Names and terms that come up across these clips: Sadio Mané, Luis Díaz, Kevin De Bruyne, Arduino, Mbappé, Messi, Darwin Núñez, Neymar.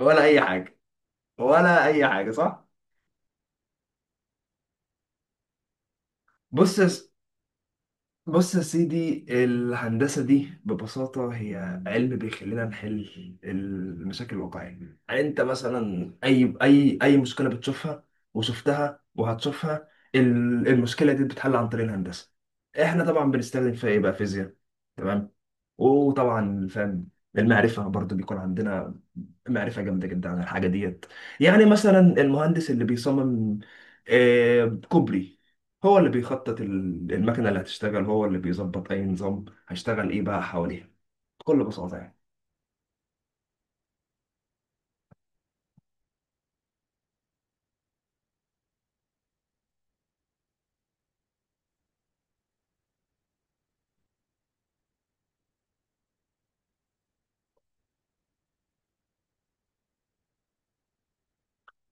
ولا اي حاجه. ولا اي حاجه، صح. بص يا س- بص يا سيدي، الهندسه دي ببساطه هي علم بيخلينا نحل المشاكل الواقعيه. يعني انت مثلا اي مشكله بتشوفها وشفتها وهتشوفها، المشكله دي بتتحل عن طريق الهندسه. احنا طبعا بنستخدم فيها ايه بقى؟ فيزياء، تمام، وطبعا فاهم. المعرفه برضو بيكون عندنا معرفة جامدة جدا عن الحاجة ديت. يعني مثلا المهندس اللي بيصمم كوبري، هو اللي بيخطط المكنة اللي هتشتغل، هو اللي بيظبط أي نظام هيشتغل إيه بقى حواليها، بكل بساطة يعني.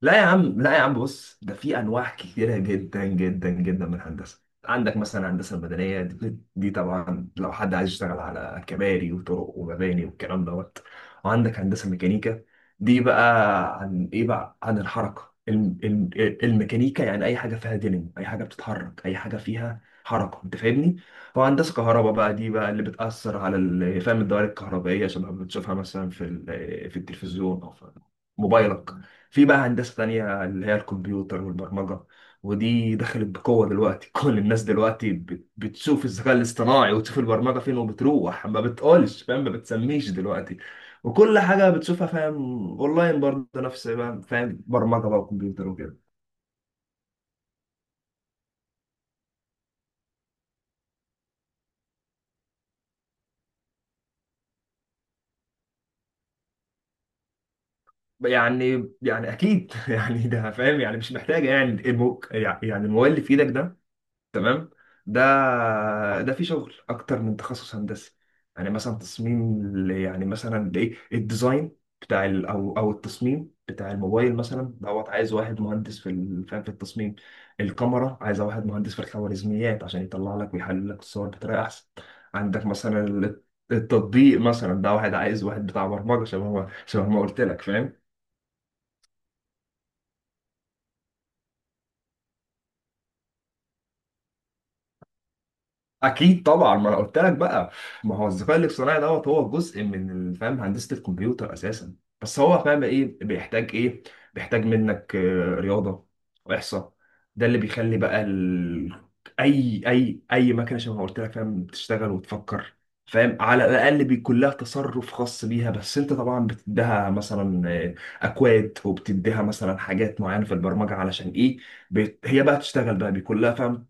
لا يا عم، لا يا عم، بص، ده في انواع كتيره جدا جدا جدا من الهندسه. عندك مثلا الهندسه المدنيه دي طبعا لو حد عايز يشتغل على كباري وطرق ومباني والكلام دوت. وعندك هندسه ميكانيكا، دي بقى عن ايه بقى؟ عن الحركه، الميكانيكا، يعني اي حاجه فيها دينامو، اي حاجه بتتحرك، اي حاجه فيها حركه، انت فاهمني. وهندسه كهرباء بقى، دي بقى اللي بتاثر على فاهم الدوائر الكهربائيه، شبه ما بتشوفها مثلا في في التلفزيون او في موبايلك. في بقى هندسة تانية اللي هي الكمبيوتر والبرمجة، ودي دخلت بقوة دلوقتي. كل الناس دلوقتي بتشوف الذكاء الاصطناعي وتشوف البرمجة فين، وبتروح ما بتقولش فاهم، ما بتسميش دلوقتي، وكل حاجة بتشوفها فاهم، اونلاين برضه، نفس بقى فاهم، برمجة بقى وكمبيوتر وكده. يعني اكيد. يعني ده فاهم، يعني مش محتاجة، يعني الموبايل اللي في ايدك ده، تمام، ده ده في شغل اكتر من تخصص هندسي. يعني مثلا تصميم يعني مثلا ايه الديزاين بتاع ال او او التصميم بتاع الموبايل مثلا دوت، عايز واحد مهندس في فاهم في التصميم، الكاميرا عايز واحد مهندس في الخوارزميات عشان يطلع لك ويحلل لك الصور بطريقه احسن. عندك مثلا التطبيق مثلا، ده واحد عايز واحد بتاع برمجه شبه ما قلت لك فاهم. اكيد طبعا، ما انا قلت لك بقى، ما هو الذكاء الاصطناعي دوت هو جزء من فاهم هندسه الكمبيوتر اساسا. بس هو فاهم ايه بيحتاج؟ ايه بيحتاج منك؟ رياضه واحصاء. ده اللي بيخلي بقى اي مكنه شبه ما قلت لك فاهم بتشتغل وتفكر، فاهم، على الاقل بيكون لها تصرف خاص بيها. بس انت طبعا بتديها مثلا اكواد، وبتديها مثلا حاجات معينه في البرمجه علشان ايه، هي بقى تشتغل بقى، بيكون لها فاهم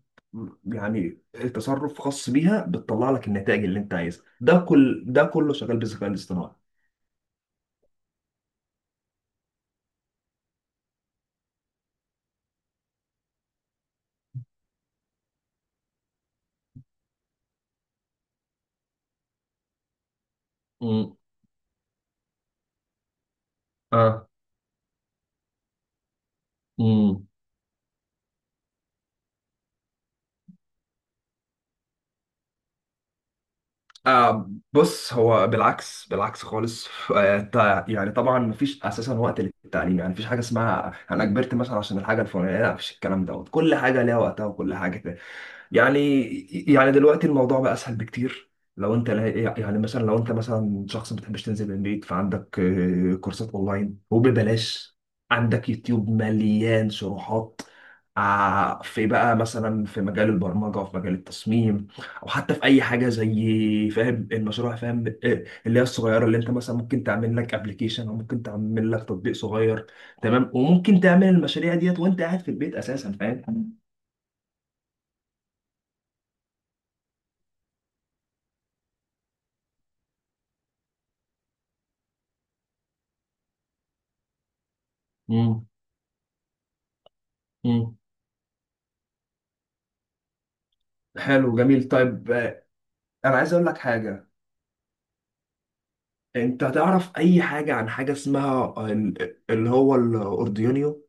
يعني تصرف خاص بيها، بتطلع لك النتائج اللي انت عايزها، ده كل ده كله شغال بالذكاء الاصطناعي. امم. اه. امم. آه بص، هو بالعكس، بالعكس خالص. يعني طبعا مفيش اساسا وقت للتعليم، يعني مفيش حاجه اسمها انا كبرت مثلا عشان الحاجه الفلانيه، لا، مفيش الكلام دوت، كل حاجه ليها وقتها وكل حاجه يعني. يعني دلوقتي الموضوع بقى اسهل بكتير. لو انت لا- يعني مثلا لو انت مثلا شخص ما بتحبش تنزل من البيت، فعندك كورسات اونلاين وببلاش، عندك يوتيوب مليان شروحات. في بقى مثلا في مجال البرمجه، في مجال التصميم، او حتى في اي حاجه زي فاهم المشروع فاهم اللي هي الصغيره اللي انت مثلا ممكن تعمل لك ابلكيشن، او ممكن تعمل لك تطبيق صغير، تمام، وممكن تعمل المشاريع ديت وانت قاعد في البيت اساسا فاهم. مم. مم. حلو، جميل، طيب، انا عايز اقول لك حاجه. انت تعرف اي حاجه عن حاجه اسمها اللي هو الاردوينيو؟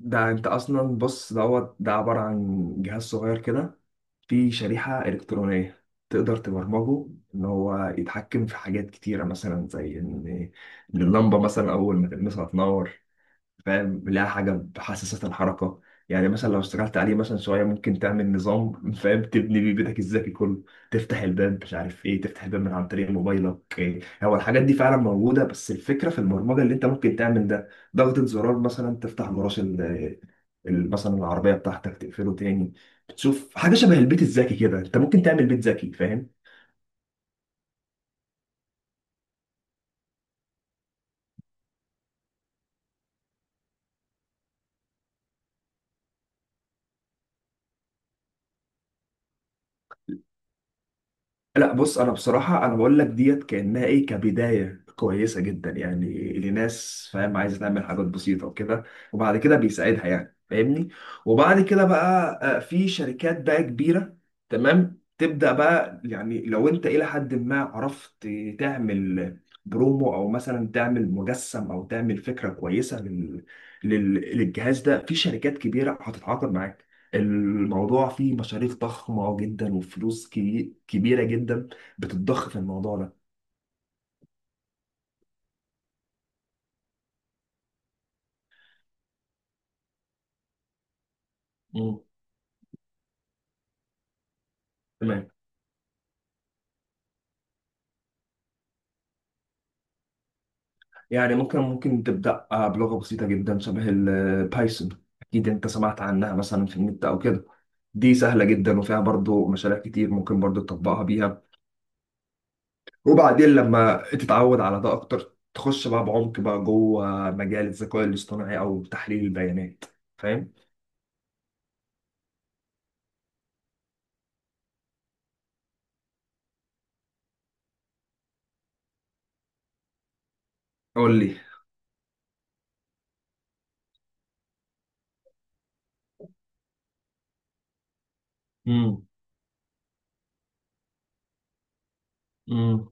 ده انت اصلا بص دوت، ده عباره عن جهاز صغير كده، فيه شريحه الكترونيه تقدر تبرمجه ان هو يتحكم في حاجات كتيره، مثلا زي إن اللمبه مثلا اول ما تلمسها تنور، فاهم، لها حاجه بتحسسك الحركه. يعني مثلا لو اشتغلت عليه مثلا شويه، ممكن تعمل نظام فاهم تبني بيه بيتك الذكي كله، تفتح الباب مش عارف ايه، تفتح الباب من عن طريق موبايلك. إيه، هو الحاجات دي فعلا موجوده، بس الفكره في البرمجه اللي انت ممكن تعمل ده، ضغطه زرار مثلا تفتح جراج مثلا العربيه بتاعتك، تقفله تاني. بتشوف حاجه شبه البيت الذكي كده، انت ممكن تعمل بيت ذكي فاهم. لا بص، انا بصراحه انا بقول لك ديت كانها ايه، كبدايه كويسه جدا يعني لناس فاهم عايزه تعمل حاجات بسيطه وكده، وبعد كده بيساعدها يعني فاهمني. وبعد كده بقى في شركات بقى كبيره، تمام، تبدا بقى يعني، لو انت الى حد ما عرفت تعمل برومو، او مثلا تعمل مجسم، او تعمل فكره كويسه للجهاز ده، في شركات كبيره هتتعاقد معاك. الموضوع فيه مصاريف ضخمة جدا، وفلوس كبيرة جدا بتتضخ في الموضوع ده. مم. تمام، يعني ممكن تبدأ بلغة بسيطة جدا شبه البايثون، أكيد أنت سمعت عنها مثلا في النت أو كده. دي سهلة جدا، وفيها برضو مشاريع كتير ممكن برضو تطبقها بيها، وبعدين لما تتعود على ده أكتر، تخش بقى بعمق بقى جوه مجال الذكاء الاصطناعي أو تحليل البيانات، فاهم؟ قول لي. مم.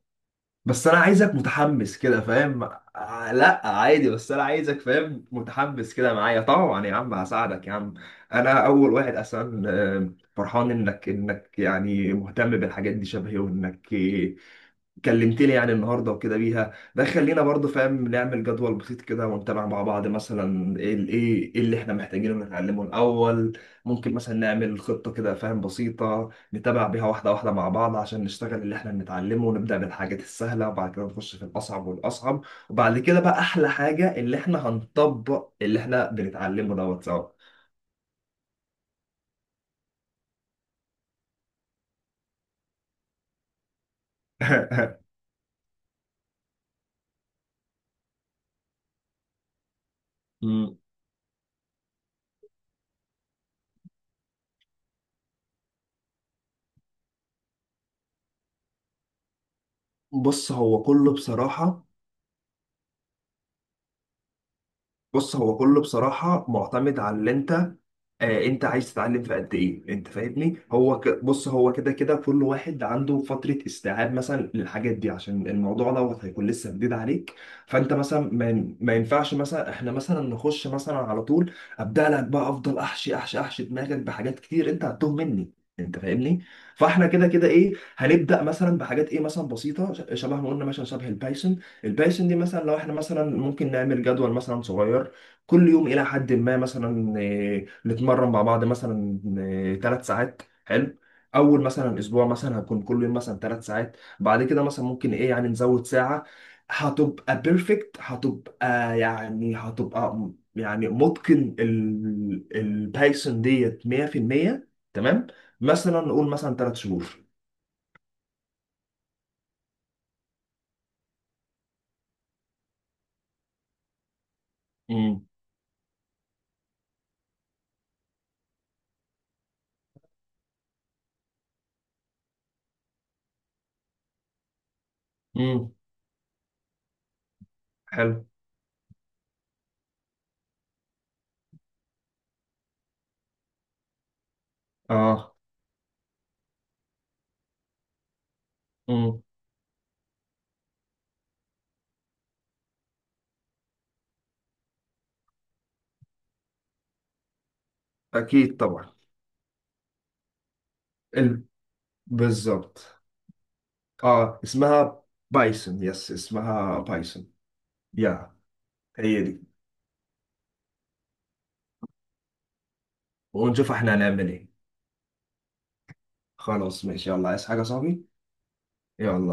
بس انا عايزك متحمس كده فاهم. لا عادي، بس انا عايزك فاهم متحمس كده معايا، طبعا يا عم هساعدك يا عم. انا اول واحد اصلا فرحان انك يعني مهتم بالحاجات دي شبهي، وانك كلمت لي يعني النهارده وكده بيها، ده خلينا برضو فاهم نعمل جدول بسيط كده، ونتابع مع بعض، مثلا ايه إيه اللي احنا محتاجينه نتعلمه الاول. ممكن مثلا نعمل خطه كده فاهم بسيطه، نتابع بيها واحده واحده مع بعض، عشان نشتغل اللي احنا بنتعلمه، ونبدا بالحاجات السهله، وبعد كده نخش في الاصعب والاصعب، وبعد كده بقى احلى حاجه، اللي احنا هنطبق اللي احنا بنتعلمه دوت سوا. مم. بص هو كله بصراحه بص هو كله بصراحة معتمد على اللي انت انت عايز تتعلم في قد ايه، انت فاهمني. بص هو كده كده كل واحد عنده فترة استيعاب مثلا للحاجات دي، عشان الموضوع دوت هيكون لسه جديد عليك. فانت مثلا ما ينفعش مثلا احنا مثلا نخش مثلا على طول، ابدا لك بقى، افضل احشي احشي احشي دماغك بحاجات كتير، انت هتتوه مني، انت فاهمني. فاحنا كده كده ايه، هنبدا مثلا بحاجات ايه مثلا بسيطه، شبه ما قلنا مثلا شبه البايثون، البايثون دي مثلا، لو احنا مثلا ممكن نعمل جدول مثلا صغير كل يوم الى حد ما، مثلا نتمرن مع بعض مثلا ثلاث ساعات، حلو، اول مثلا اسبوع مثلا هكون كل يوم مثلا ثلاث ساعات، بعد كده مثلا ممكن ايه يعني نزود ساعة، هتبقى بيرفكت، هتبقى يعني، يعني متقن البايثون ديت 100%. تمام، مثلا نقول مثلا ثلاث شهور. امم. امم. حلو. اه. امم. اكيد طبعا، بالظبط. اه، اسمها بايثون، يس، اسمها بايثون. يا، هي دي. ونشوف احنا هنعمل ايه. خلاص ماشي، يلا، عايز حاجة يا صاحبي؟ يلا.